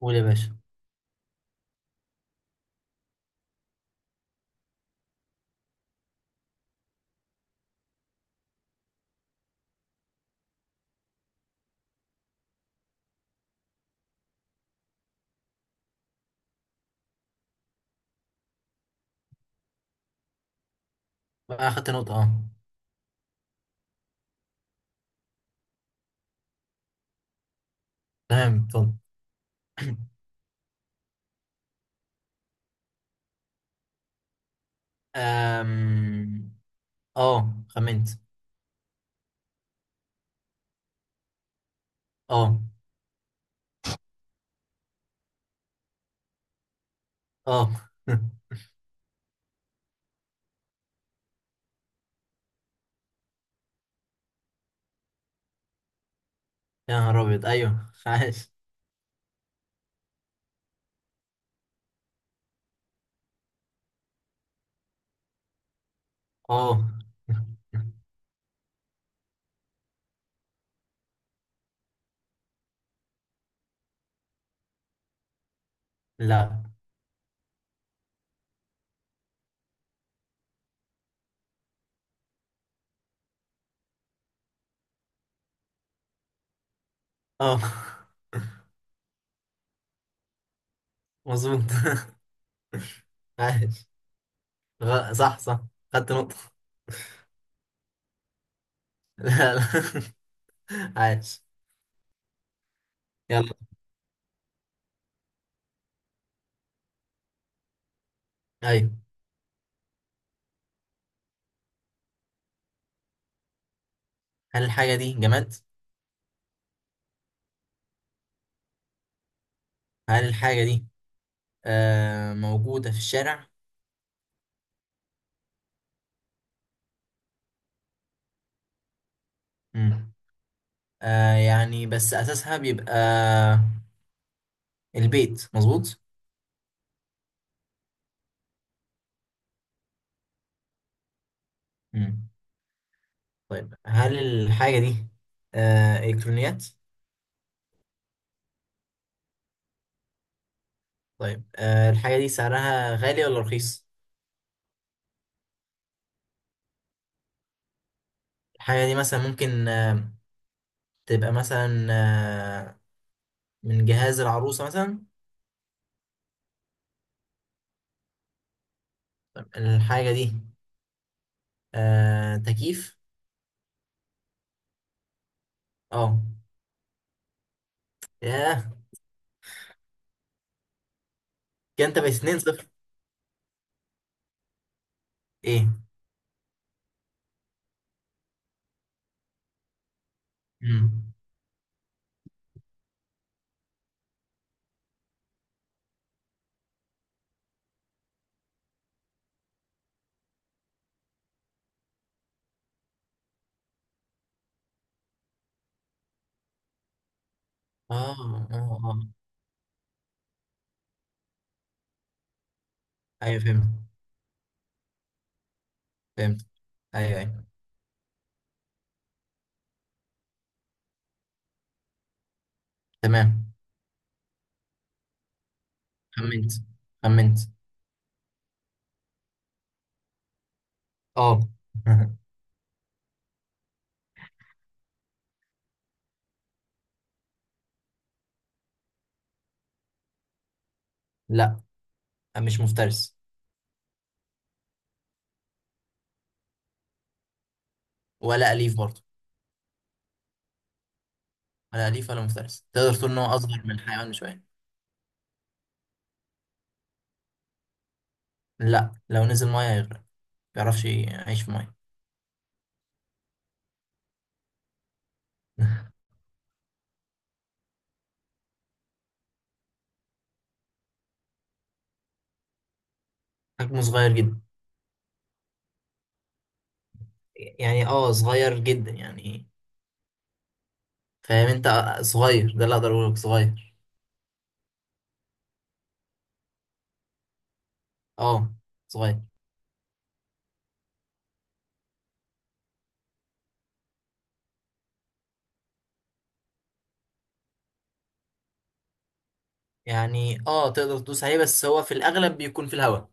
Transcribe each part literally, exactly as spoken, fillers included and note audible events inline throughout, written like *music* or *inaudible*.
قول يا باشا. بقى اخدت نقطة؟ اه. تمام، اتفضل. *clears throat* أم... اه خمنت. اه. اه. *laughs* يا نهار ابيض، ايوه عايش. اه. لا. اه. *laughs* مظبوط. *laughs* عايش. غ- صح، صح. خدت نقطة. *laughs* لا، لا. *laughs* عايش. يلا. ايوه. هل الحاجة دي جماد؟ هل الحاجة دي آه موجودة في الشارع؟ مم. آه يعني بس أساسها بيبقى البيت، مظبوط؟ مم. طيب، هل الحاجة دي آه إلكترونيات؟ طيب آه الحاجة دي سعرها غالي ولا رخيص؟ الحاجة دي مثلا ممكن آه تبقى مثلا آه من جهاز العروسة مثلا؟ طيب الحاجة دي آه تكييف؟ اه. ياه. كده انت باتنين صفر. ايه؟ مم. اه. اه. اه. ايوه فهمت. فهمت. ايوه، ايوه. تمام. خمنت، خمنت. اه. *laughs* لا، مش مفترس. ولا أليف برضه. ولا أليف ولا مفترس. تقدر تقول إن هو أصغر من الحيوان بشوية. لا، لو نزل مية هيغرق، ما بيعرفش يعيش في مية. *laughs* حجمه صغير جدا. يعني اه صغير جدا يعني. فاهم انت، آه، صغير ده اللي اقدر اقوله لك. صغير. اه، صغير. يعني اه تقدر تدوس عليه، بس هو في الاغلب بيكون في الهواء.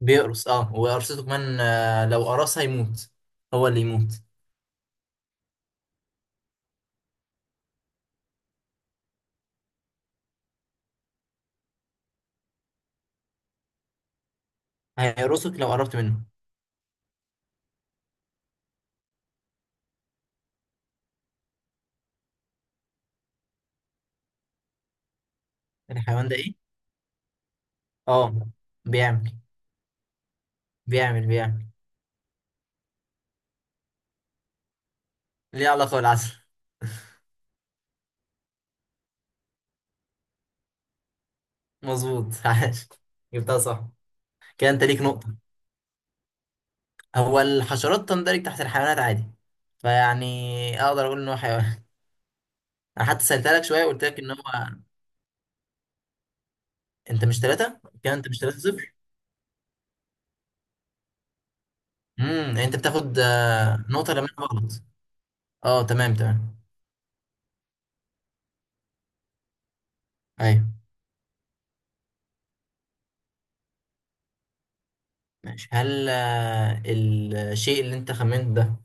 بيقرص اه، وقرصته كمان، آه، لو قرص هيموت. هو اللي يموت. هيقرصك لو قربت منه. الحيوان ده ايه؟ اه، بيعمل بيعمل بيعمل. ليه علاقة بالعسل. مظبوط. *laughs* عاش. جبتها صح. كده انت ليك نقطة. هو الحشرات تندرج تحت الحيوانات عادي. فيعني اقدر اقول ان هو حيوان. انا حتى سألتها لك شوية وقلت لك ان هو. انت مش ثلاثة كده انت مش ثلاثة صفر. امم انت بتاخد آه، نقطة لما انا غلط. اه، تمام، تمام. ايوه ماشي. هل آه، الشيء اللي انت خمنته ده،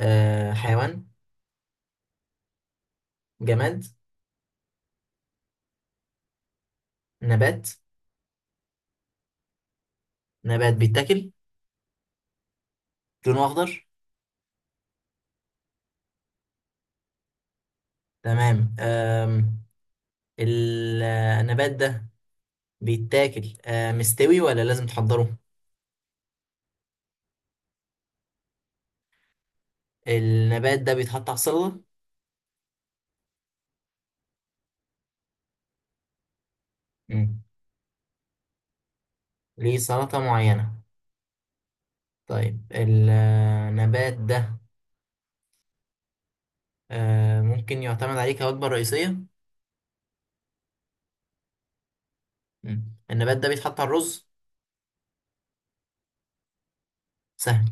آه، حيوان؟ جماد؟ نبات؟ نبات بيتاكل. لونه اخضر. تمام. آم، ال- آه، النبات ده بيتاكل آه مستوي ولا لازم تحضره؟ النبات ده بيتحط على السلطة؟ مم. ليه سلطة معينة. طيب، النبات ده آه ممكن يعتمد عليه كوجبة رئيسية؟ مم. النبات ده بيتحط على الرز؟ سهل.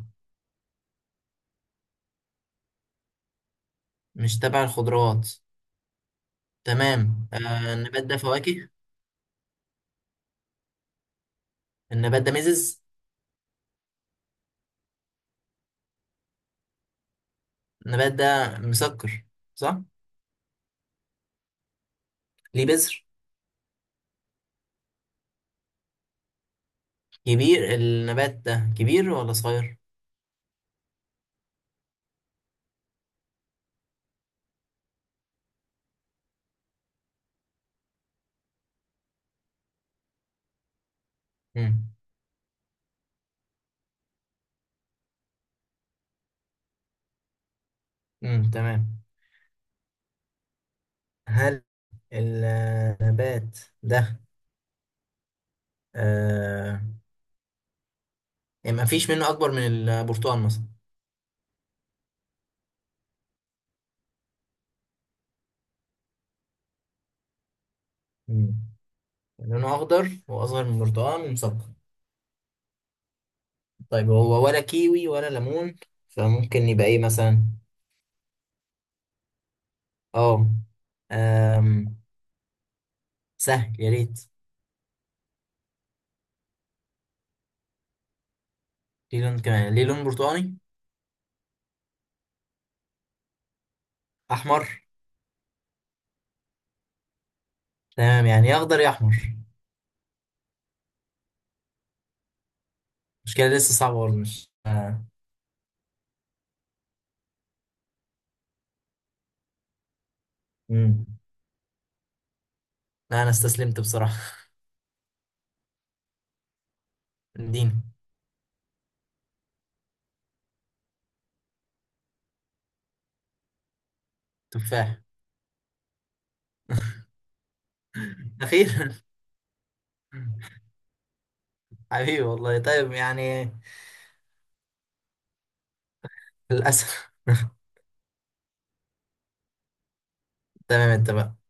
مش تبع الخضروات. تمام، آه النبات ده فواكه. النبات ده مزز؟ النبات ده مسكر؟ صح. ليه بذر. كبير النبات ده كبير ولا صغير؟ مم. مم. تمام. هل النبات ده آه يعني ما فيش منه اكبر من البرتقال مثلا؟ مم. لونه اخضر واصغر من البرتقال ومسكر. طيب، هو ولا كيوي ولا ليمون؟ فممكن يبقى ايه مثلا؟ اه. آم، سهل يا ريت. ليه لون كمان ليه لون برتقاني؟ احمر. تمام، يعني يا اخضر يا احمر. المشكله لسه صعبه برضه، مش آه. مم. لا، انا استسلمت بصراحه. *laughs* اديني. تفاح. *laughs* اخيرا. حبيبي والله، طيب يعني. للاسف. *laughs* تمام، اتفقنا.